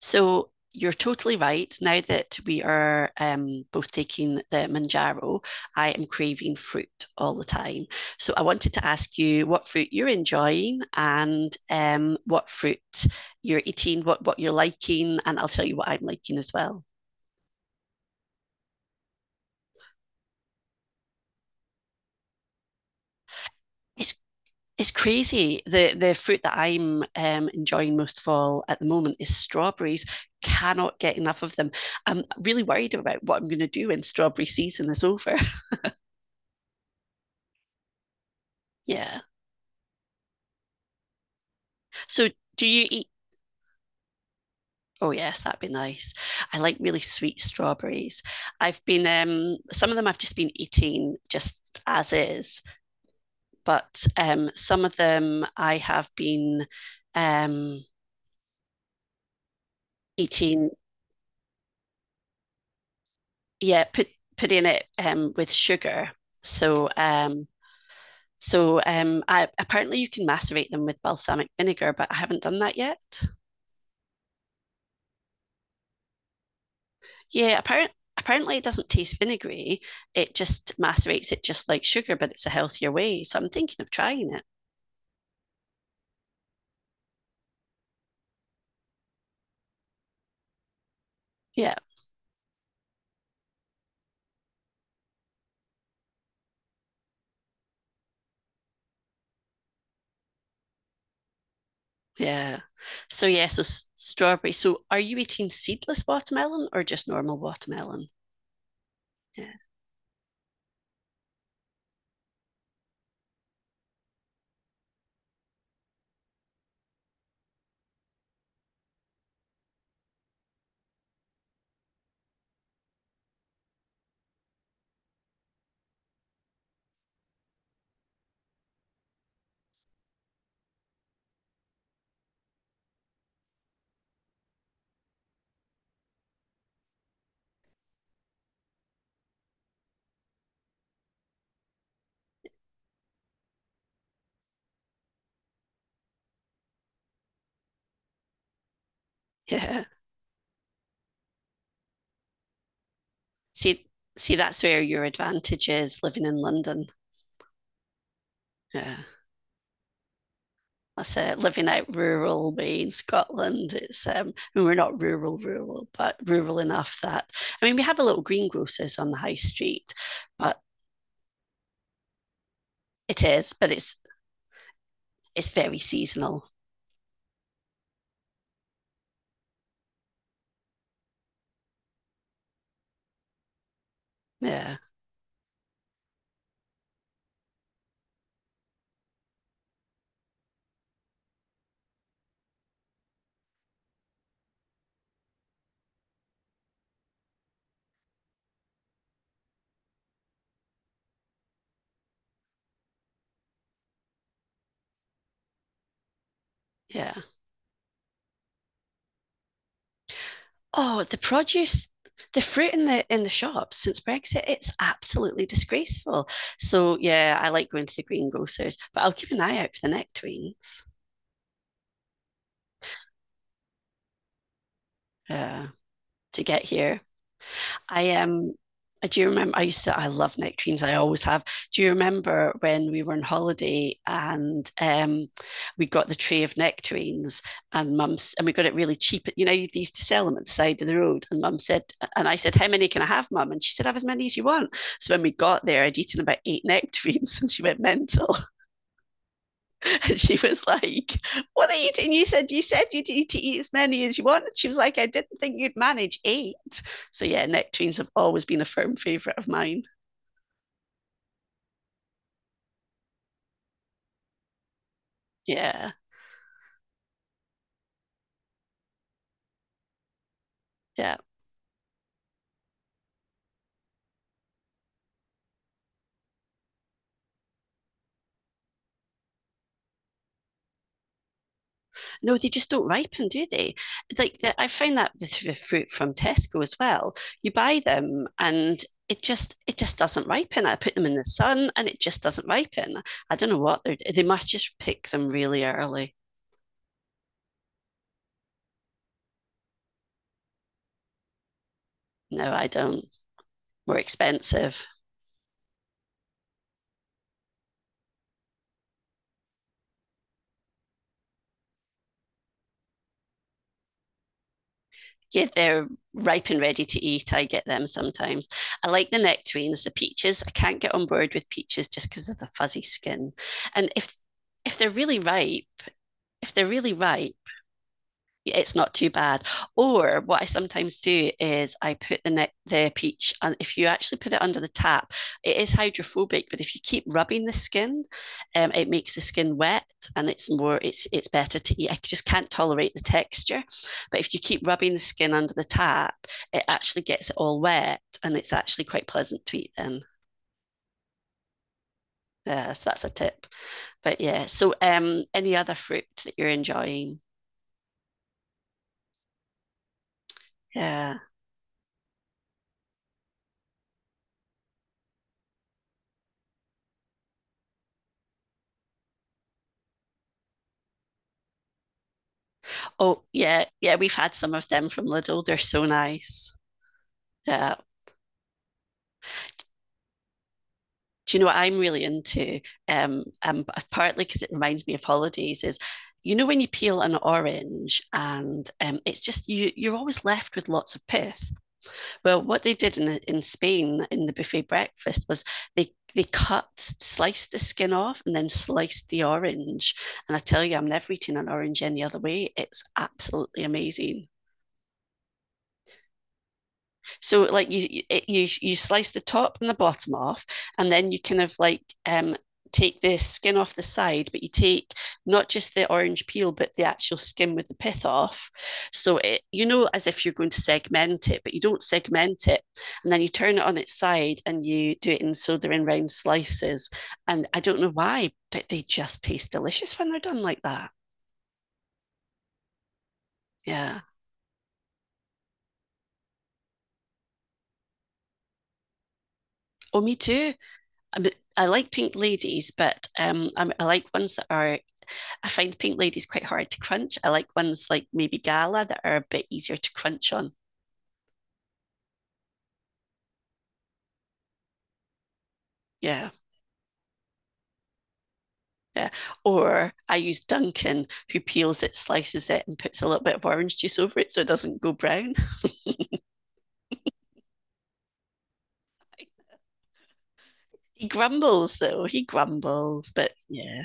So you're totally right. Now that we are both taking the Manjaro, I am craving fruit all the time. So I wanted to ask you what fruit you're enjoying and what fruit you're eating, what you're liking, and I'll tell you what I'm liking as well. It's it's crazy. The fruit that I'm enjoying most of all at the moment is strawberries. Cannot get enough of them. I'm really worried about what I'm going to do when strawberry season is over. Yeah. So do you eat? Oh yes, that'd be nice. I like really sweet strawberries. I've been some of them I've just been eating just as is, but some of them I have been um eating, yeah, putting it with sugar. So so I Apparently you can macerate them with balsamic vinegar, but I haven't done that yet. Yeah, apparent, Apparently it doesn't taste vinegary. It just macerates it just like sugar, but it's a healthier way. So I'm thinking of trying it. Yeah, yeah. So yeah, so strawberry. So are you eating seedless watermelon or just normal watermelon? Yeah. Yeah. See, see, that's where your advantage is living in London. Yeah. I say living out rural me in Scotland. It's I mean, we're not rural, rural, but rural enough that I mean we have a little greengrocers on the high street, but it is, but it's very seasonal. Yeah, yeah. Oh, the produce, the fruit in the shops since Brexit, it's absolutely disgraceful. So yeah, I like going to the greengrocers, but I'll keep an eye out for the nectarines. Yeah, to get here. I am. Do you remember I used to I love nectarines, I always have. Do you remember when we were on holiday and we got the tray of nectarines and mum's and we got it really cheap. You know, they used to sell them at the side of the road. And mum said, and I said, how many can I have, mum? And she said, have as many as you want. So when we got there, I'd eaten about eight nectarines and she went mental. And she was like, what are you doing? You said to eat as many as you want. And she was like, I didn't think you'd manage eight. So yeah, nectarines have always been a firm favourite of mine. Yeah. Yeah. No, they just don't ripen, do they? Like the, I find that with the fruit from Tesco as well. You buy them and it just doesn't ripen. I put them in the sun and it just doesn't ripen. I don't know what they must just pick them really early. No, I don't. More expensive. Yeah, they're ripe and ready to eat. I get them sometimes. I like the nectarines, the peaches. I can't get on board with peaches just because of the fuzzy skin. And if they're really ripe, if they're really ripe, it's not too bad. Or what I sometimes do is I put the peach, and if you actually put it under the tap, it is hydrophobic. But if you keep rubbing the skin, it makes the skin wet, and it's more it's better to eat. I just can't tolerate the texture, but if you keep rubbing the skin under the tap, it actually gets it all wet, and it's actually quite pleasant to eat then. Yeah, so that's a tip. But yeah, so any other fruit that you're enjoying? Yeah. Oh, yeah, yeah, we've had some of them from Lidl. They're so nice. Yeah. Do you know what I'm really into? Um, um, Partly because it reminds me of holidays is, you know, when you peel an orange and it's just you're always left with lots of pith. Well, what they did in Spain in the buffet breakfast was they sliced the skin off, and then sliced the orange. And I tell you, I'm never eating an orange any other way. It's absolutely amazing. So like you you slice the top and the bottom off, and then you kind of like take the skin off the side, but you take not just the orange peel, but the actual skin with the pith off. So it you know as if you're going to segment it, but you don't segment it, and then you turn it on its side and you do it in so they're in round slices. And I don't know why, but they just taste delicious when they're done like that. Yeah. Oh, me too. I, mean I like pink ladies, but I like ones that are I find pink ladies quite hard to crunch. I like ones like maybe Gala that are a bit easier to crunch on. Yeah. Yeah. Or I use Duncan, who peels it, slices it, and puts a little bit of orange juice over it so it doesn't go brown. He grumbles though. He grumbles, but yeah.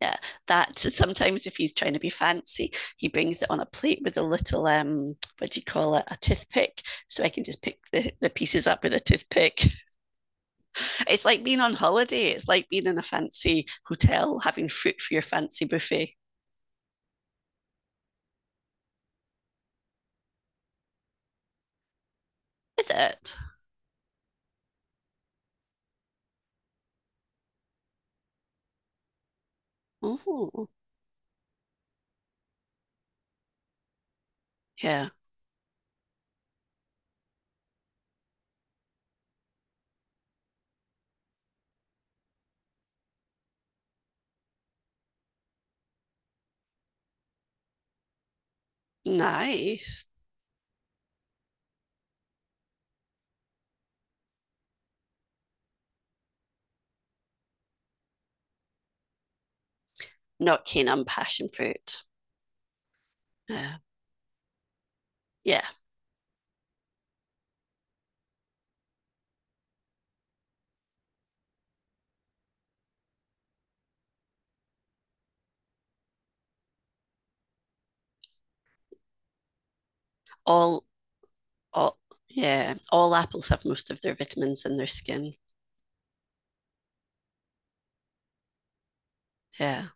Yeah, that sometimes if he's trying to be fancy, he brings it on a plate with a little what do you call it, a toothpick, so I can just pick the pieces up with a toothpick. It's like being on holiday. It's like being in a fancy hotel, having fruit for your fancy buffet. Is it? Oh, yeah. Nice. Not keen on passion fruit. Yeah. Yeah. All, all, yeah. All apples have most of their vitamins in their skin. Yeah.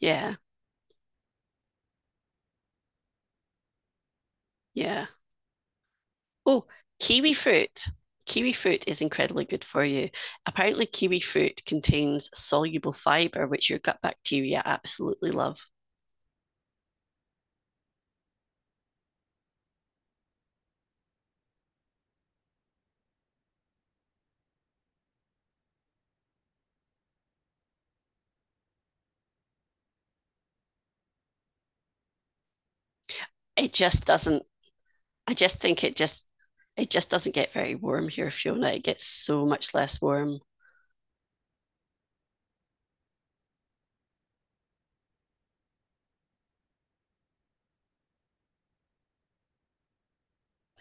Yeah. Yeah. Oh, kiwi fruit. Kiwi fruit is incredibly good for you. Apparently, kiwi fruit contains soluble fiber, which your gut bacteria absolutely love. It just doesn't I just think it just doesn't get very warm here, Fiona. It gets so much less warm.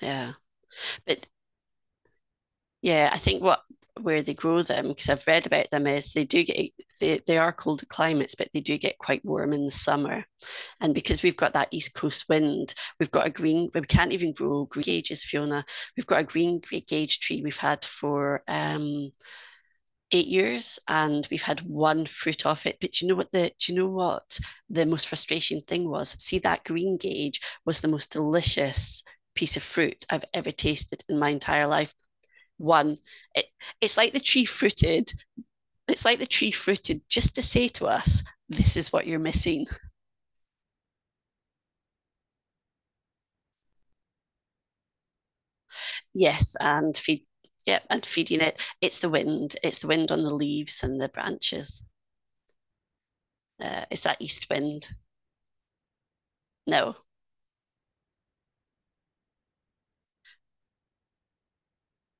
Yeah. But yeah, I think what where they grow them, because I've read about them, is they do get they are colder climates, but they do get quite warm in the summer. And because we've got that east coast wind, we can't even grow green gauges, Fiona. We've got a green gauge tree we've had for eight years, and we've had one fruit off it. But you know what, the do you know what the most frustrating thing was, see, that green gauge was the most delicious piece of fruit I've ever tasted in my entire life. one it, it's like the tree fruited, just to say to us, this is what you're missing. Yes and feed Yeah, and feeding it, it's the wind, it's the wind on the leaves and the branches. It's that east wind. No,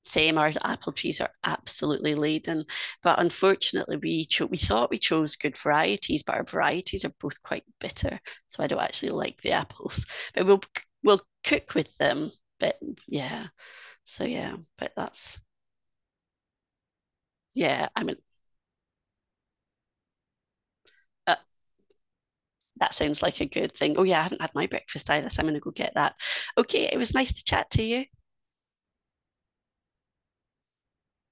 same, our apple trees are absolutely laden, but unfortunately we thought we chose good varieties, but our varieties are both quite bitter, so I don't actually like the apples, but we'll cook with them. But yeah, so yeah, but that's yeah, I mean, uh, that sounds like a good thing. Oh yeah, I haven't had my breakfast either, so I'm going to go get that. Okay, it was nice to chat to you.